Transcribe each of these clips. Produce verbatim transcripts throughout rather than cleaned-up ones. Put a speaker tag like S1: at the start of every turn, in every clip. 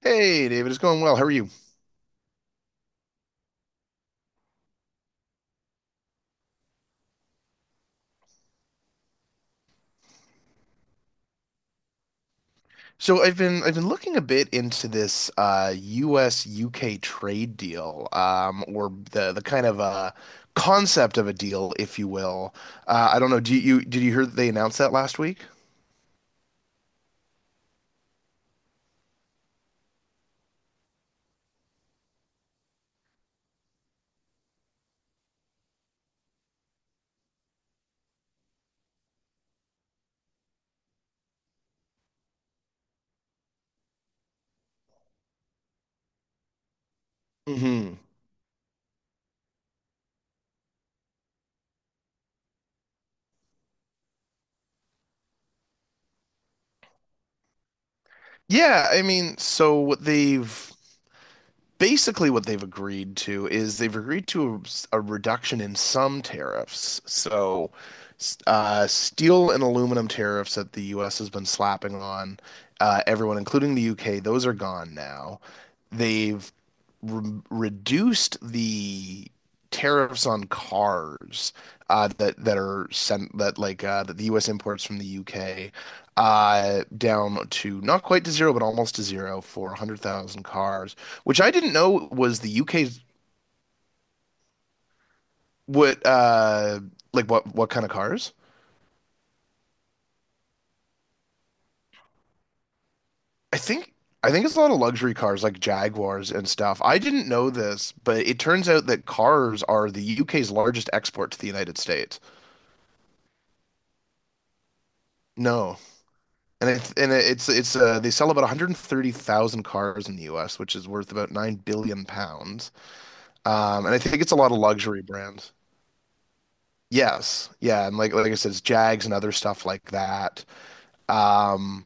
S1: Hey David, it's going well. How are you? So I've been I've been looking a bit into this uh, U S. U K trade deal, um, or the the kind of uh, concept of a deal, if you will. Uh, I don't know. Do you did you hear that they announced that last week? hmm Yeah, I mean, so what they've basically what they've agreed to is they've agreed to a, a reduction in some tariffs. So, s- uh, steel and aluminum tariffs that the U S has been slapping on uh, everyone, including the U K, those are gone now. They've re reduced the tariffs on cars uh, that that are sent that like uh, that the U S imports from the U K uh down to not quite to zero but almost to zero for one hundred thousand cars, which I didn't know was the U K's. What uh like what what kind of cars? I think I think it's a lot of luxury cars like Jaguars and stuff. I didn't know this, but it turns out that cars are the U K's largest export to the United States. No. And it, and it's it's uh, they sell about one hundred thirty thousand cars in the U S, which is worth about nine billion pounds. Um, and I think it's a lot of luxury brands. Yes. Yeah, and like like I said, it's Jags and other stuff like that. Um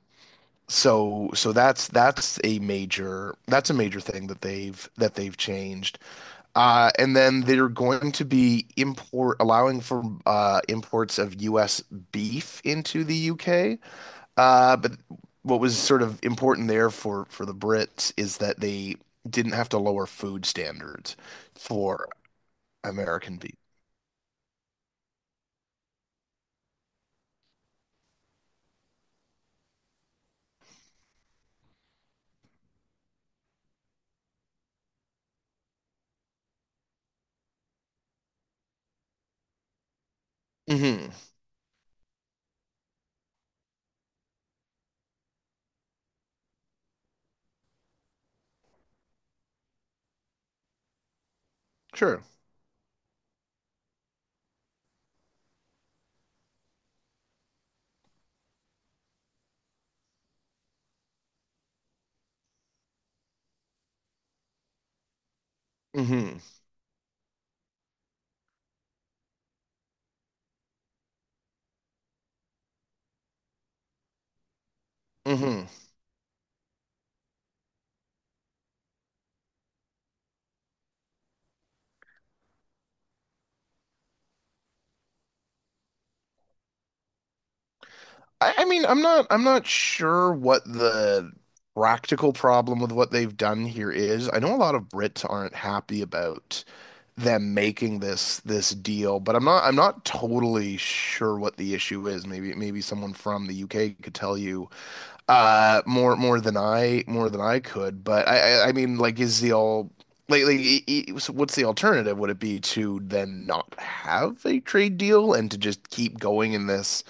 S1: So so that's that's a major that's a major thing that they've that they've changed. Uh, and then they're going to be import allowing for uh, imports of U S beef into the U K. Uh, but what was sort of important there for for the Brits is that they didn't have to lower food standards for American beef. hmm Sure. hmm hmm I, I mean, I'm not I'm not sure what the practical problem with what they've done here is. I know a lot of Brits aren't happy about them making this this deal, but I'm not I'm not totally sure what the issue is. Maybe maybe someone from the U K could tell you uh more more than I more than I could. But I I, I mean, like is the all Like, like, e- e- so what's the alternative? Would it be to then not have a trade deal and to just keep going in this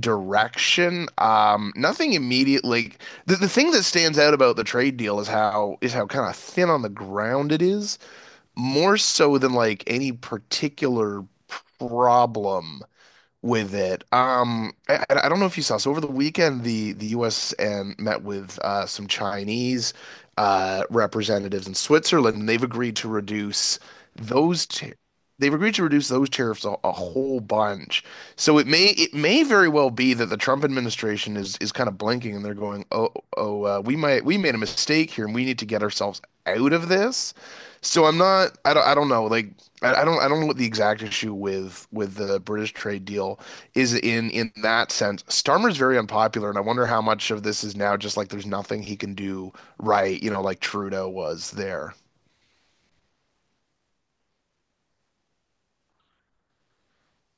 S1: direction? Um, nothing immediate. Like the, the thing that stands out about the trade deal is how is how kind of thin on the ground it is, more so than like any particular problem with it. Um, I, I don't know if you saw. So over the weekend, the the U S and met with uh, some Chinese uh, representatives in Switzerland, and they've agreed to reduce those. T they've agreed to reduce those tariffs a, a whole bunch. So it may it may very well be that the Trump administration is is kind of blinking, and they're going, "Oh, oh, uh, we might we made a mistake here, and we need to get ourselves out of this." So I'm not. I don't. I don't know. Like I I don't I don't know what the exact issue with with the British trade deal is in in that sense. Starmer's very unpopular, and I wonder how much of this is now just like there's nothing he can do, right? You know, like Trudeau was there.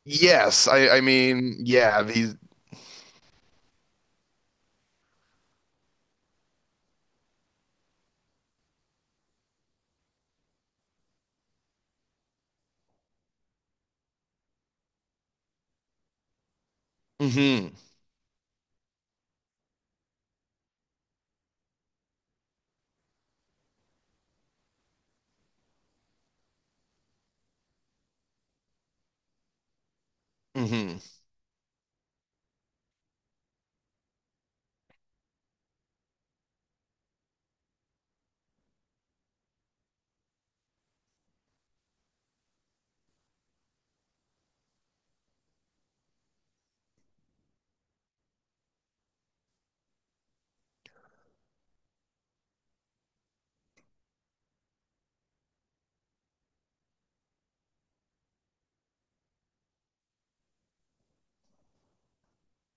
S1: Yes, I I mean, yeah, these hmm hmm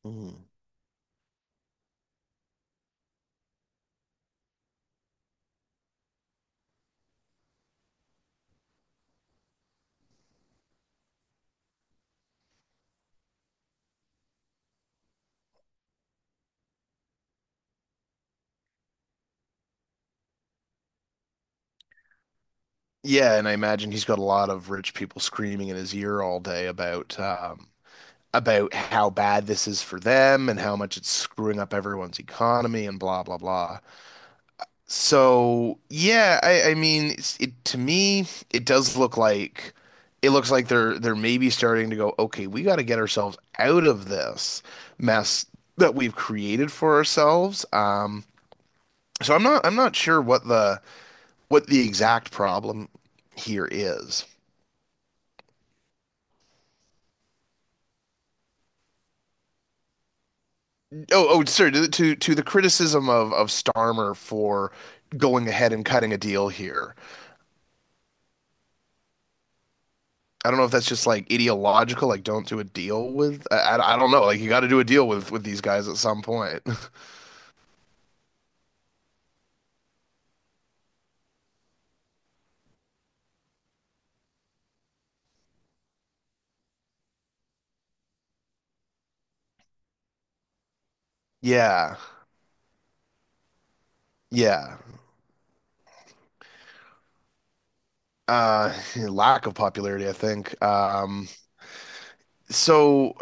S1: hmm yeah, and I imagine he's got a lot of rich people screaming in his ear all day about um about how bad this is for them and how much it's screwing up everyone's economy and blah blah blah. So yeah, I, I mean, it's, it to me, it does look like it looks like they're they're maybe starting to go, okay, we got to get ourselves out of this mess that we've created for ourselves. Um, so I'm not I'm not sure what the what the exact problem here is. Oh, oh, sorry, to to, to the criticism of of Starmer for going ahead and cutting a deal here. I don't know if that's just like ideological, like don't do a deal with. I, I, I don't know. Like you got to do a deal with with these guys at some point. yeah, yeah. Uh, lack of popularity, I think. Um, so,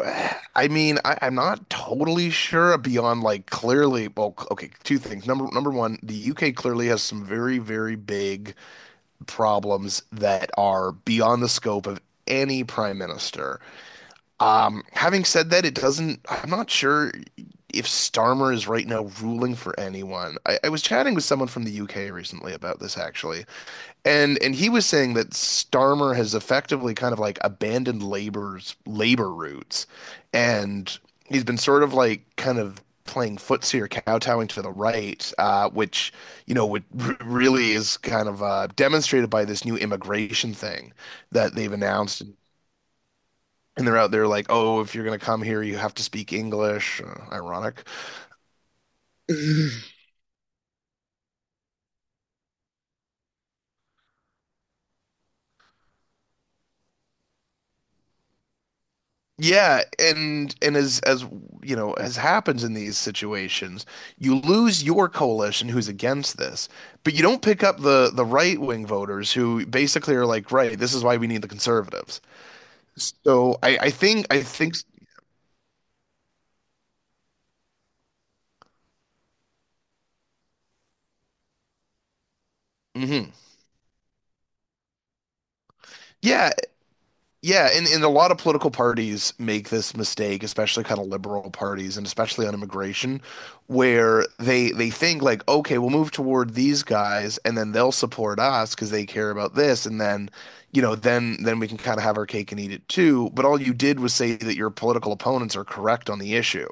S1: I mean, I, I'm not totally sure beyond like clearly. Well, okay, two things. Number number one, the U K clearly has some very very big problems that are beyond the scope of any prime minister. Um, having said that, it doesn't, I'm not sure if Starmer is right now ruling for anyone. I, I was chatting with someone from the U K recently about this actually, and and he was saying that Starmer has effectively kind of like abandoned labor's labor roots, and he's been sort of like kind of playing footsie or kowtowing to the right, uh, which you know would r really is kind of uh, demonstrated by this new immigration thing that they've announced, and they're out there like, oh, if you're gonna come here, you have to speak English. Uh, ironic. Yeah, and and as as you know, as happens in these situations, you lose your coalition who's against this, but you don't pick up the the right wing voters who basically are like, right, this is why we need the conservatives. So I I think I think mhm. Yeah, yeah, and, and a lot of political parties make this mistake, especially kind of liberal parties and especially on immigration, where they they think like, okay, we'll move toward these guys and then they'll support us because they care about this, and then, you know, then then we can kind of have our cake and eat it too. But all you did was say that your political opponents are correct on the issue.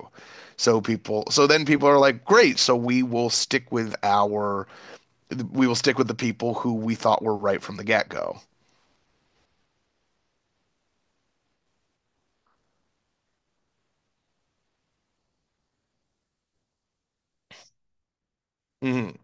S1: So people, so then people are like, great, so we will stick with our, we will stick with the people who we thought were right from the get-go. Mhm.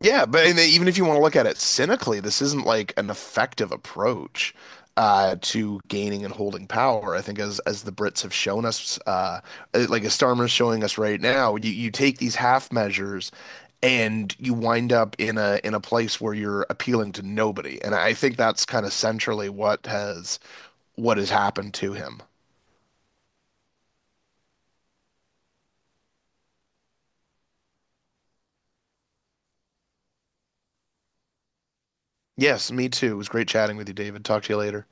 S1: Yeah, but and they- even if you want to look at it cynically, this isn't like an effective approach uh, to gaining and holding power. I think as as the Brits have shown us, uh, uh, like as Starmer's showing us right now, you, you take these half measures and you wind up in a in a place where you're appealing to nobody. And I think that's kind of centrally what has what has happened to him. Yes, me too. It was great chatting with you, David. Talk to you later.